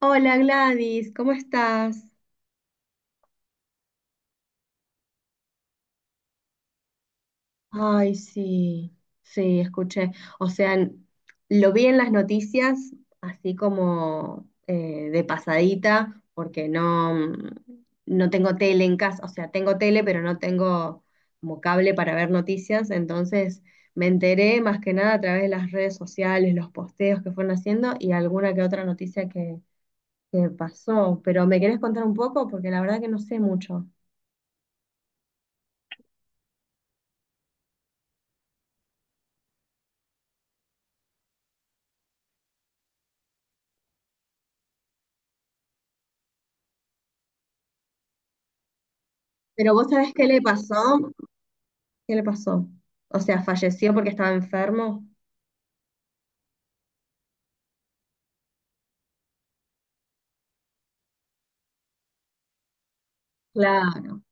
Hola Gladys, ¿cómo estás? Ay, sí, sí, escuché. O sea, lo vi en las noticias, así como de pasadita, porque no, no tengo tele en casa. O sea, tengo tele, pero no tengo como cable para ver noticias. Entonces me enteré más que nada a través de las redes sociales, los posteos que fueron haciendo y alguna que otra que pasó. Pero ¿me querés contar un poco? Porque la verdad que no sé mucho. Pero vos sabés qué le pasó. ¿Qué le pasó? O sea, falleció porque estaba enfermo. Claro.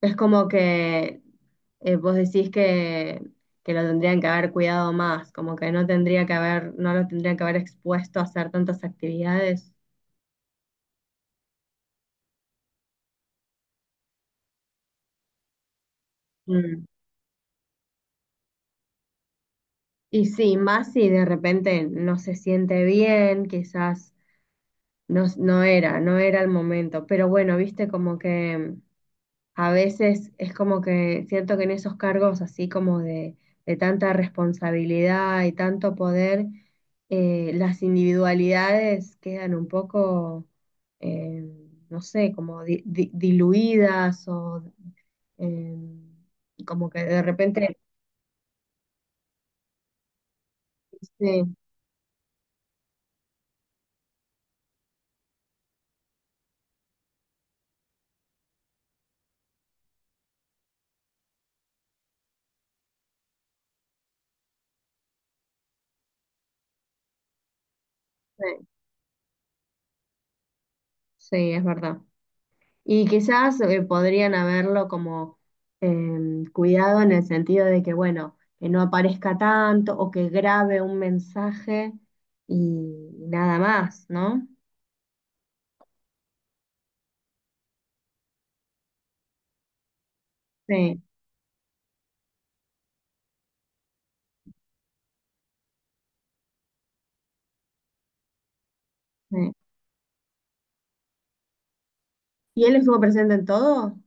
Es como que vos que lo tendrían que haber cuidado más, como que no tendría que haber, no lo tendrían que haber expuesto a hacer tantas actividades. Mm. Y sí, más si de repente no se siente bien, quizás no, no era el momento. Pero bueno, viste como que a veces es como que siento que en esos cargos así como de tanta responsabilidad y tanto poder, las individualidades quedan un poco, eh, no sé, como diluidas o eh, como que de repente... Sí, sí, sí, es verdad. Y quizás podrían haberlo como cuidado en el sentido de que, bueno, que no aparezca tanto o que grabe un mensaje y nada más, ¿no? Sí, sí. ¿Y él estuvo presente en todo?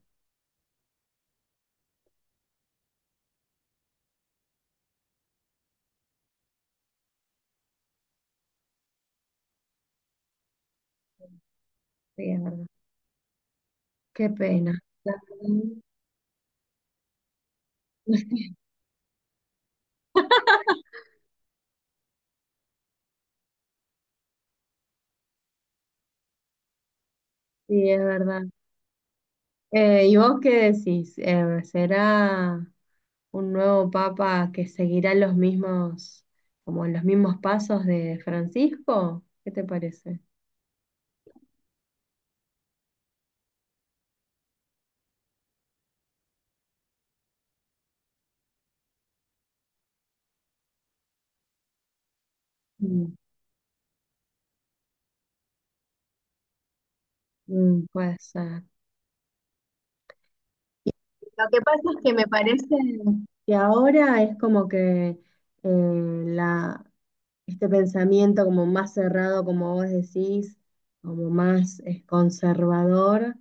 Sí, es verdad. Qué pena. La verdad. Sí, es verdad. ¿Y vos qué decís? ¿Será un nuevo papa que seguirá los mismos, como los mismos pasos de Francisco? ¿Qué te parece? Mm, puede ser. Lo que pasa es que me parece que ahora es como que eh, la, este pensamiento como más cerrado, como vos decís, como más conservador,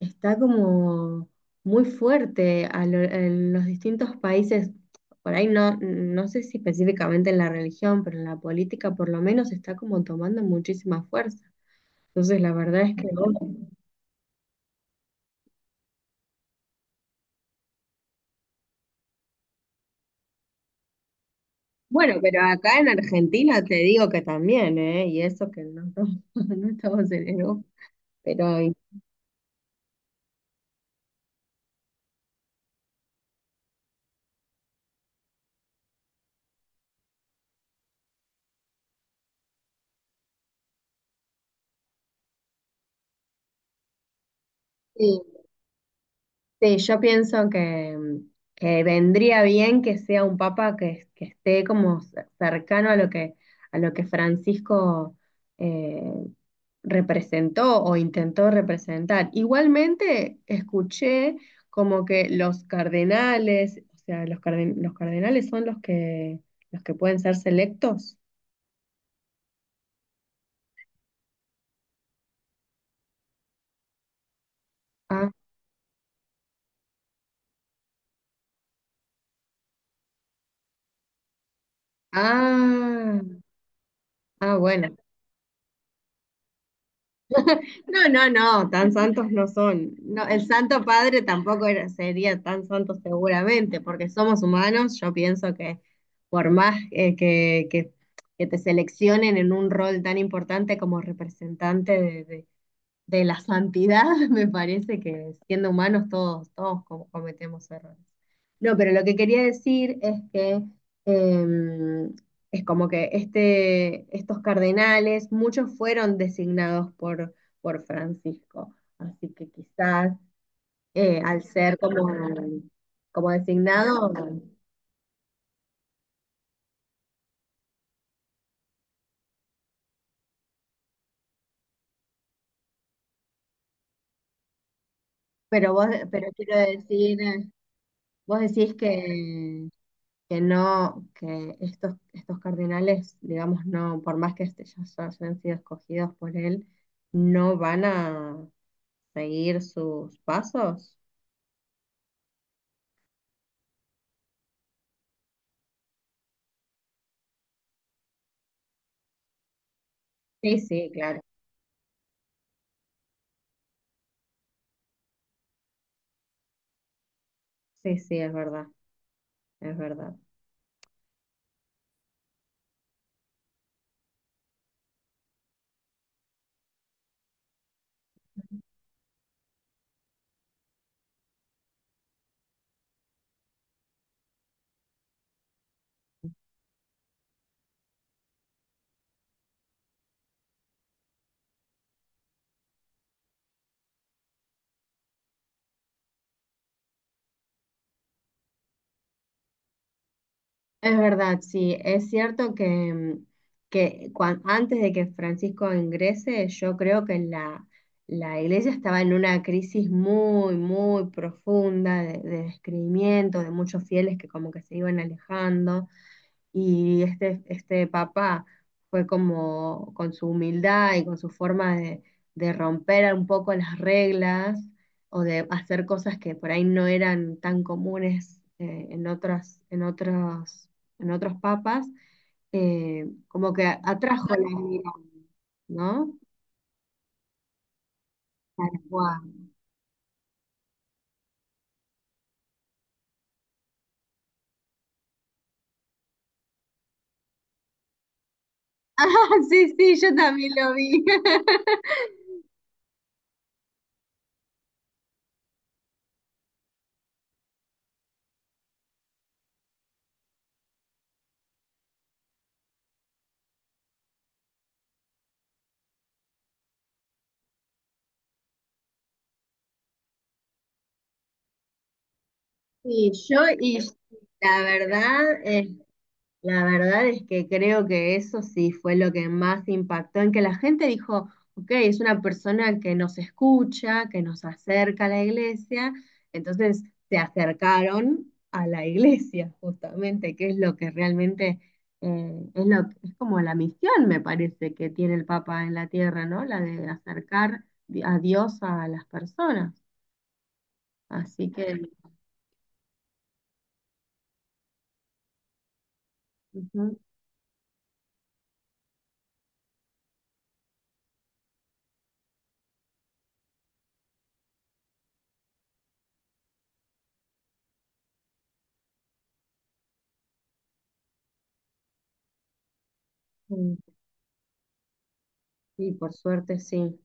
está como muy fuerte a en los distintos países. Por ahí no, no sé si específicamente en la religión, pero en la política por lo menos está como tomando muchísima fuerza. Entonces la verdad es que vos bueno, pero acá en Argentina te digo que también, ¿eh? Y eso que no, no estamos en Europa. Pero sí, sí, yo pienso que vendría bien que sea un papa que esté como cercano a lo que Francisco eh, representó o intentó representar. Igualmente escuché como que los cardenales, o sea, los, los cardenales son los que pueden ser selectos. Ah, ah, bueno. No, no, no, tan santos no son. No, el Santo Padre tampoco era- sería tan santo seguramente, porque somos humanos. Yo pienso que por más que te seleccionen en un rol tan importante como representante de la santidad, me parece que siendo humanos todos, todos como cometemos errores. No, pero lo que quería decir es que eh, es como que estos cardenales, muchos fueron designados por Francisco, así que quizás al ser como, como designado, pero vos, pero quiero decir, vos decís que no, que estos cardenales, digamos, no, por más que ya se hayan sido escogidos por él, no van a seguir sus pasos. Sí, sí, claro. Sí, sí, es verdad, es verdad. Es verdad, sí, es cierto que, que antes de que Francisco ingrese, yo creo que la iglesia estaba en una crisis muy, muy profunda de descreimiento, de muchos fieles que como que se iban alejando. Y este papá fue como con su humildad y con su forma de romper un poco las reglas o de hacer cosas que por ahí no eran tan comunes en en en otros papas, como que atrajo la admiración, ¿no? Guau. Ah, sí, sí, yo también lo vi. Y yo, y la verdad, la verdad es que creo que eso sí fue lo que más impactó, en que la gente dijo, ok, es una persona que nos escucha, que nos acerca a la iglesia, entonces se acercaron a la iglesia justamente, que es lo que realmente eh, es lo, es como la misión, me parece, que tiene el Papa en la tierra, ¿no? La de acercar a Dios a las personas. Así que, ujú, eh, sí, por suerte sí.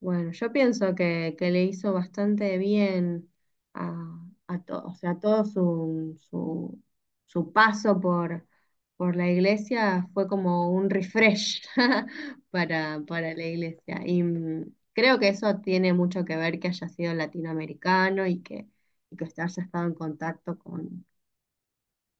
Bueno, yo pienso que le hizo bastante bien a todo, o sea, su paso por la iglesia fue como un refresh para la iglesia. Y creo que eso tiene mucho que ver que haya sido latinoamericano y y que haya estado en contacto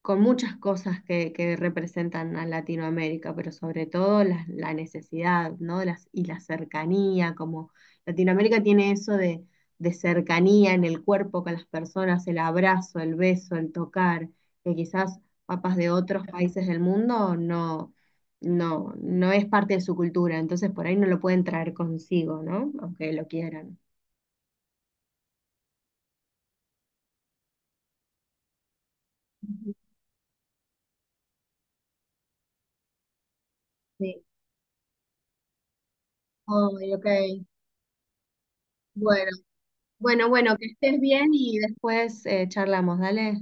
con muchas cosas que representan a Latinoamérica, pero sobre todo la necesidad, ¿no? Las, y la cercanía, como Latinoamérica tiene eso de cercanía en el cuerpo con las personas, el abrazo, el beso, el tocar, que quizás papas de otros países del mundo no, no, no es parte de su cultura, entonces por ahí no lo pueden traer consigo, ¿no? Aunque lo quieran. Sí. Ay, ok. Bueno, bueno, bueno, que estés bien y después charlamos, dale.